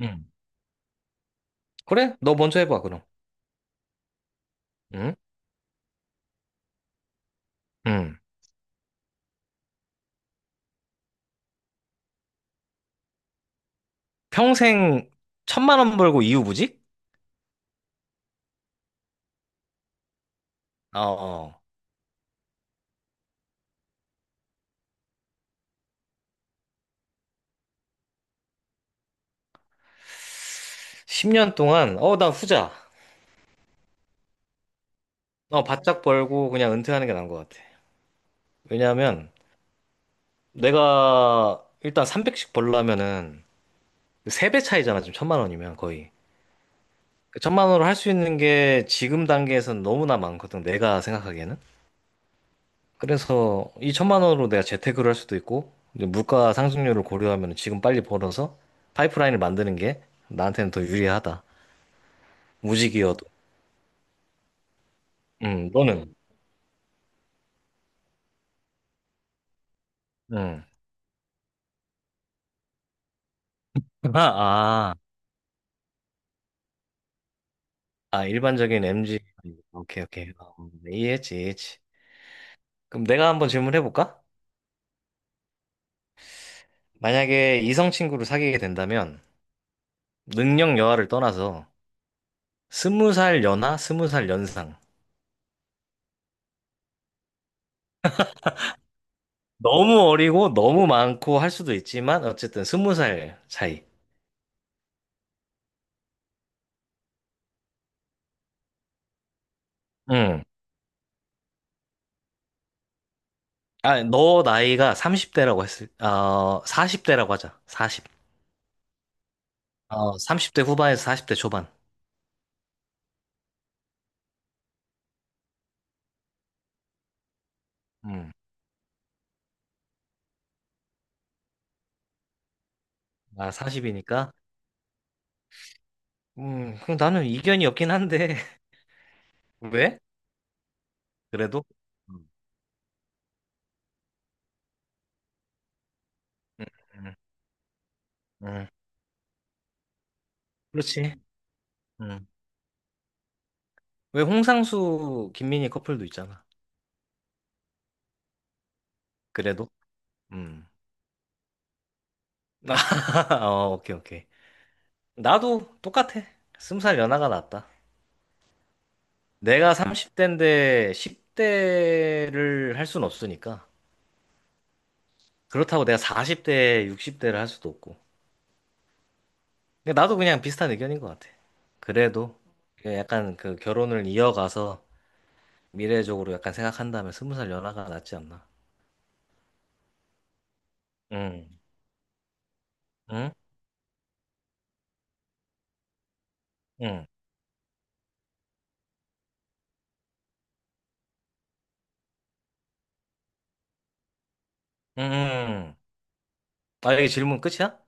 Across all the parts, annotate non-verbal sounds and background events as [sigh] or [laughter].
응, 그래? 너 먼저 해봐, 그럼. 응? 응. 평생 천만 원 벌고 이후부직? 어, 어. 10년 동안, 나 후자. 바짝 벌고 그냥 은퇴하는 게 나은 것 같아. 왜냐하면 내가 일단 300씩 벌려면은 3배 차이잖아, 지금 천만 원이면 거의. 그 천만 원으로 할 수 있는 게 지금 단계에서는 너무나 많거든, 내가 생각하기에는. 그래서 2천만 원으로 내가 재테크를 할 수도 있고 이제 물가 상승률을 고려하면 지금 빨리 벌어서 파이프라인을 만드는 게 나한테는 더 유리하다. 무직이어도. 너는? 음. [laughs] 아, 아, 아, 일반적인 m 지. 오케이, 오케이. 이해했지, 이해했지. 그럼 내가 한번 질문해볼까? 만약에 이성 친구를 사귀게 된다면 능력 여하를 떠나서 20살 연하, 20살 연상. 너무 어리고 너무 많고 할 수도 있지만 어쨌든 20살 차이. 음. 아, 너 나이가 30대라고 했을, 40대라고 하자. 사십. 30대 후반에서 40대 초반. 음. 나 40이니까. 그럼 나는 이견이 없긴 한데. [laughs] 왜? 그래도? 음. 음, 음, 음. 그렇지. 음. 왜 홍상수, 김민희 커플도 있잖아. 그래도? 음. [laughs] 아, 오케이, 오케이. 나도 똑같아. 20살 연하가 낫다. 내가 30대인데 10대를 할 순 없으니까. 그렇다고 내가 40대, 60대를 할 수도 없고. 근데 나도 그냥 비슷한 의견인 것 같아. 그래도 약간 그 결혼을 이어가서 미래적으로 약간 생각한다면 20살 연하가 낫지 않나. 응, 응, 응, 응. 아, 이게 질문 끝이야?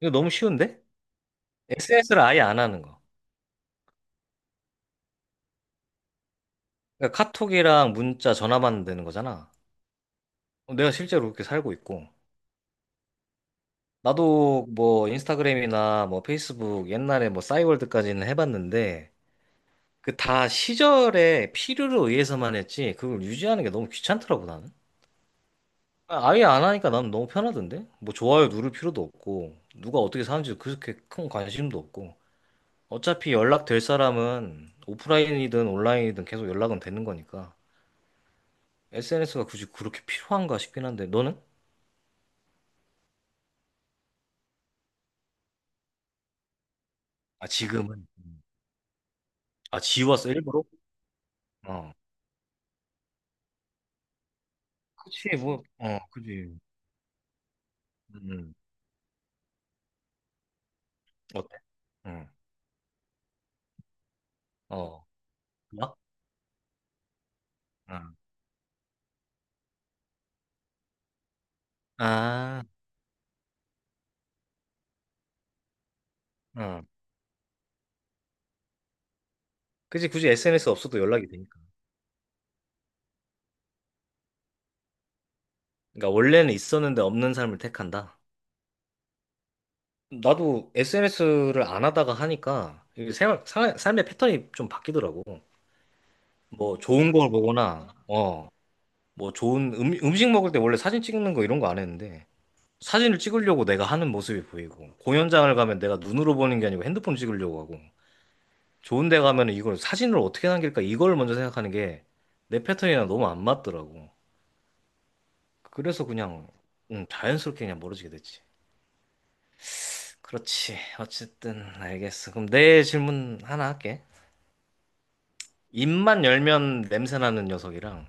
이거 너무 쉬운데? SNS를 아예 안 하는 거. 그러니까 카톡이랑 문자, 전화만 되는 거잖아. 내가 실제로 그렇게 살고 있고. 나도 뭐 인스타그램이나 뭐 페이스북 옛날에 뭐 싸이월드까지는 해봤는데 그 다 시절의 필요로 의해서만 했지 그걸 유지하는 게 너무 귀찮더라고 나는. 아, 아예 안 하니까 나는 너무 편하던데. 뭐 좋아요 누를 필요도 없고 누가 어떻게 사는지도 그렇게 큰 관심도 없고 어차피 연락될 사람은 오프라인이든 온라인이든 계속 연락은 되는 거니까 SNS가 굳이 그렇게 필요한가 싶긴 한데 너는? 아, 지금은? 아, 지웠어 일부러? 어. 그치 뭐 그지. 음. 음. 어때? 응. 어. 나? 응. 아. 응. 그지, 굳이 SNS 없어도 연락이 되니까. 그러니까 원래는 있었는데 없는 삶을 택한다. 나도 SNS를 안 하다가 하니까 이게 생활, 삶의 패턴이 좀 바뀌더라고. 뭐 좋은 걸 보거나, 뭐 좋은 음식 먹을 때 원래 사진 찍는 거 이런 거 안 했는데 사진을 찍으려고 내가 하는 모습이 보이고 공연장을 가면 내가 눈으로 보는 게 아니고 핸드폰 찍으려고 하고 좋은 데 가면 이걸 사진을 어떻게 남길까 이걸 먼저 생각하는 게 내 패턴이랑 너무 안 맞더라고. 그래서 그냥 자연스럽게 그냥 멀어지게 됐지. 그렇지. 어쨌든 알겠어. 그럼 내 질문 하나 할게. 입만 열면 냄새 나는 녀석이랑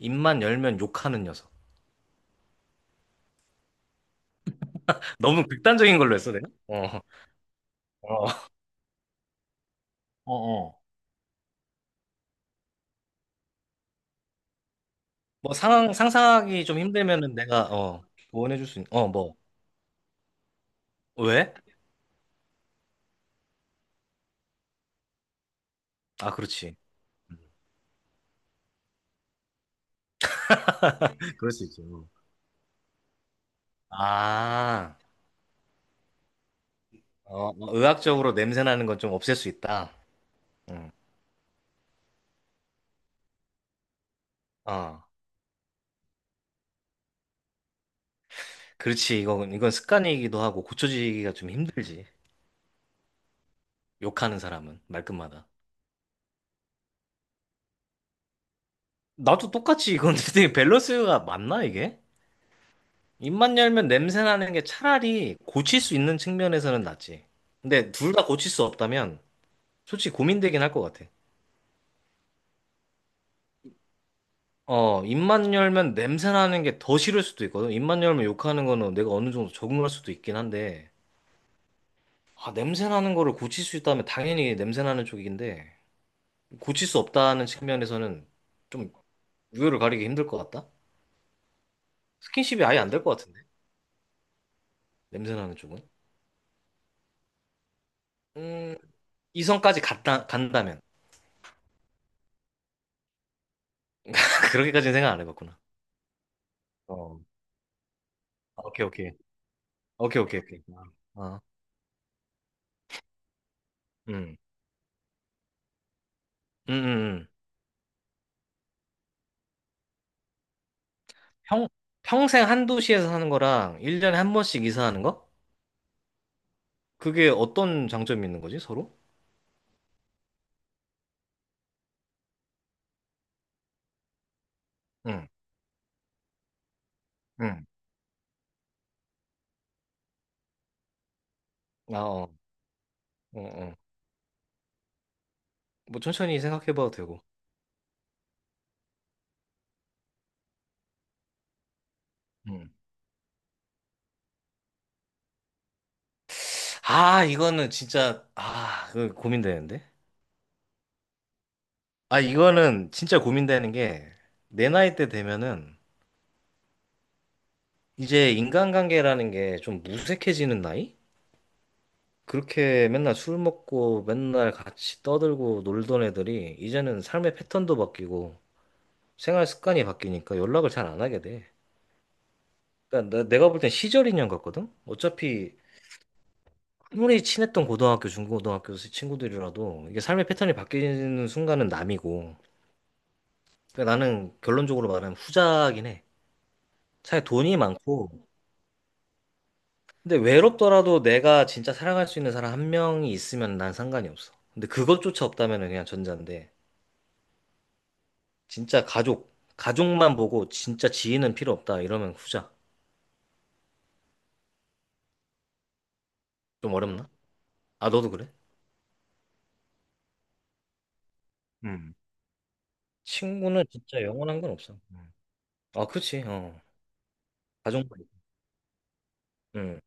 입만 열면 욕하는 녀석. 너무 극단적인 걸로 했어, 내가? 어. 어. 어, 어. 뭐 상황 상상하기 좀 힘들면은 내가 조언해 줄수 있... 뭐. 왜? 아, 그렇지. [laughs] 그럴 수 있죠. 아. 뭐 의학적으로 냄새 나는 건 좀 없앨 수 있다. 응. 어. 그렇지. 이건 습관이기도 하고 고쳐지기가 좀 힘들지. 욕하는 사람은 말끝마다. 나도 똑같이 이건 [laughs] 되게 밸런스가 맞나, 이게? 입만 열면 냄새 나는 게 차라리 고칠 수 있는 측면에서는 낫지. 근데 둘 다 고칠 수 없다면 솔직히 고민되긴 할 것 같아. 입만 열면 냄새 나는 게 더 싫을 수도 있거든. 입만 열면 욕하는 거는 내가 어느 정도 적응할 수도 있긴 한데, 아, 냄새 나는 거를 고칠 수 있다면 당연히 냄새 나는 쪽인데, 고칠 수 없다는 측면에서는 좀 우열을 가리기 힘들 것 같다? 스킨십이 아예 안 될 것 같은데? 냄새 나는 쪽은? 음, 이성까지 갔다, 간다면. 그렇게까지는 생각 안 해봤구나. 어, 오케이, 오케이. 오케이, 오케이, 오케이. 아, 어. 음. 음, 음, 음. 평, 평생 한 도시에서 사는 거랑 1년에 한 번씩 이사하는 거? 그게 어떤 장점이 있는 거지, 서로? 응, 응. 아, 어, 어, 어. 뭐 천천히 생각해봐도 되고. 음. 아, 이거는 진짜, 아, 그 고민되는데? 아, 이거는 진짜 고민되는 게, 내 나이 때 되면은, 이제 인간관계라는 게 좀 무색해지는 나이? 그렇게 맨날 술 먹고 맨날 같이 떠들고 놀던 애들이 이제는 삶의 패턴도 바뀌고 생활 습관이 바뀌니까 연락을 잘 안 하게 돼. 그러니까 내가 볼 땐 시절 인연 같거든? 어차피 아무리 친했던 고등학교, 중고등학교 친구들이라도 이게 삶의 패턴이 바뀌는 순간은 남이고. 그러니까 나는 결론적으로 말하면 후자긴 해. 차라리 돈이 많고. 근데 외롭더라도 내가 진짜 사랑할 수 있는 사람 한 명이 있으면 난 상관이 없어. 근데 그것조차 없다면 그냥 전자인데. 진짜 가족, 가족만 보고 진짜 지인은 필요 없다. 이러면 후자. 좀 어렵나? 아, 너도 그래? 음. 친구는 진짜 영원한 건 없어. 음. 아, 그렇지. 어. 가족만. 응.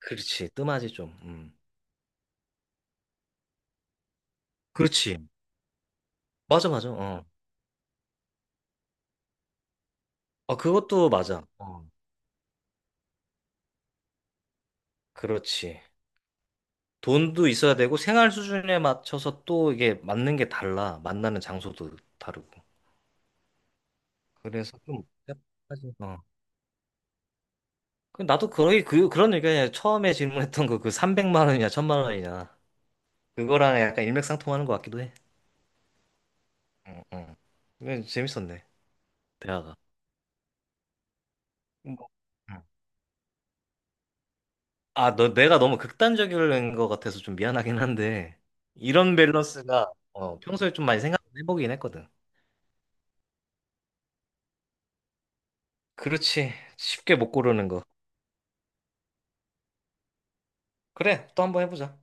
그렇지. 뜸하지 좀. 음. 그렇지. 맞아, 맞아. 어. 아, 그것도 맞아. 어. 그렇지. 돈도 있어야 되고 생활 수준에 맞춰서 또 이게 맞는 게 달라. 만나는 장소도 다르고. 그래서 좀 복잡하지. 어. 그 나도 거의 그런 얘기야. 처음에 질문했던 거 그 300만 원이냐, 천만 원이냐. 그거랑 약간 일맥상통하는 것 같기도 해. 응, 응. 이건 재밌었네, 대화가. 뭐, 응. 아, 너, 내가 너무 극단적인 것 같아서 좀 미안하긴 한데, 이런 밸런스가 평소에 좀 많이 생각해보긴 했거든. 그렇지. 쉽게 못 고르는 거. 그래, 또 한 번 해보자.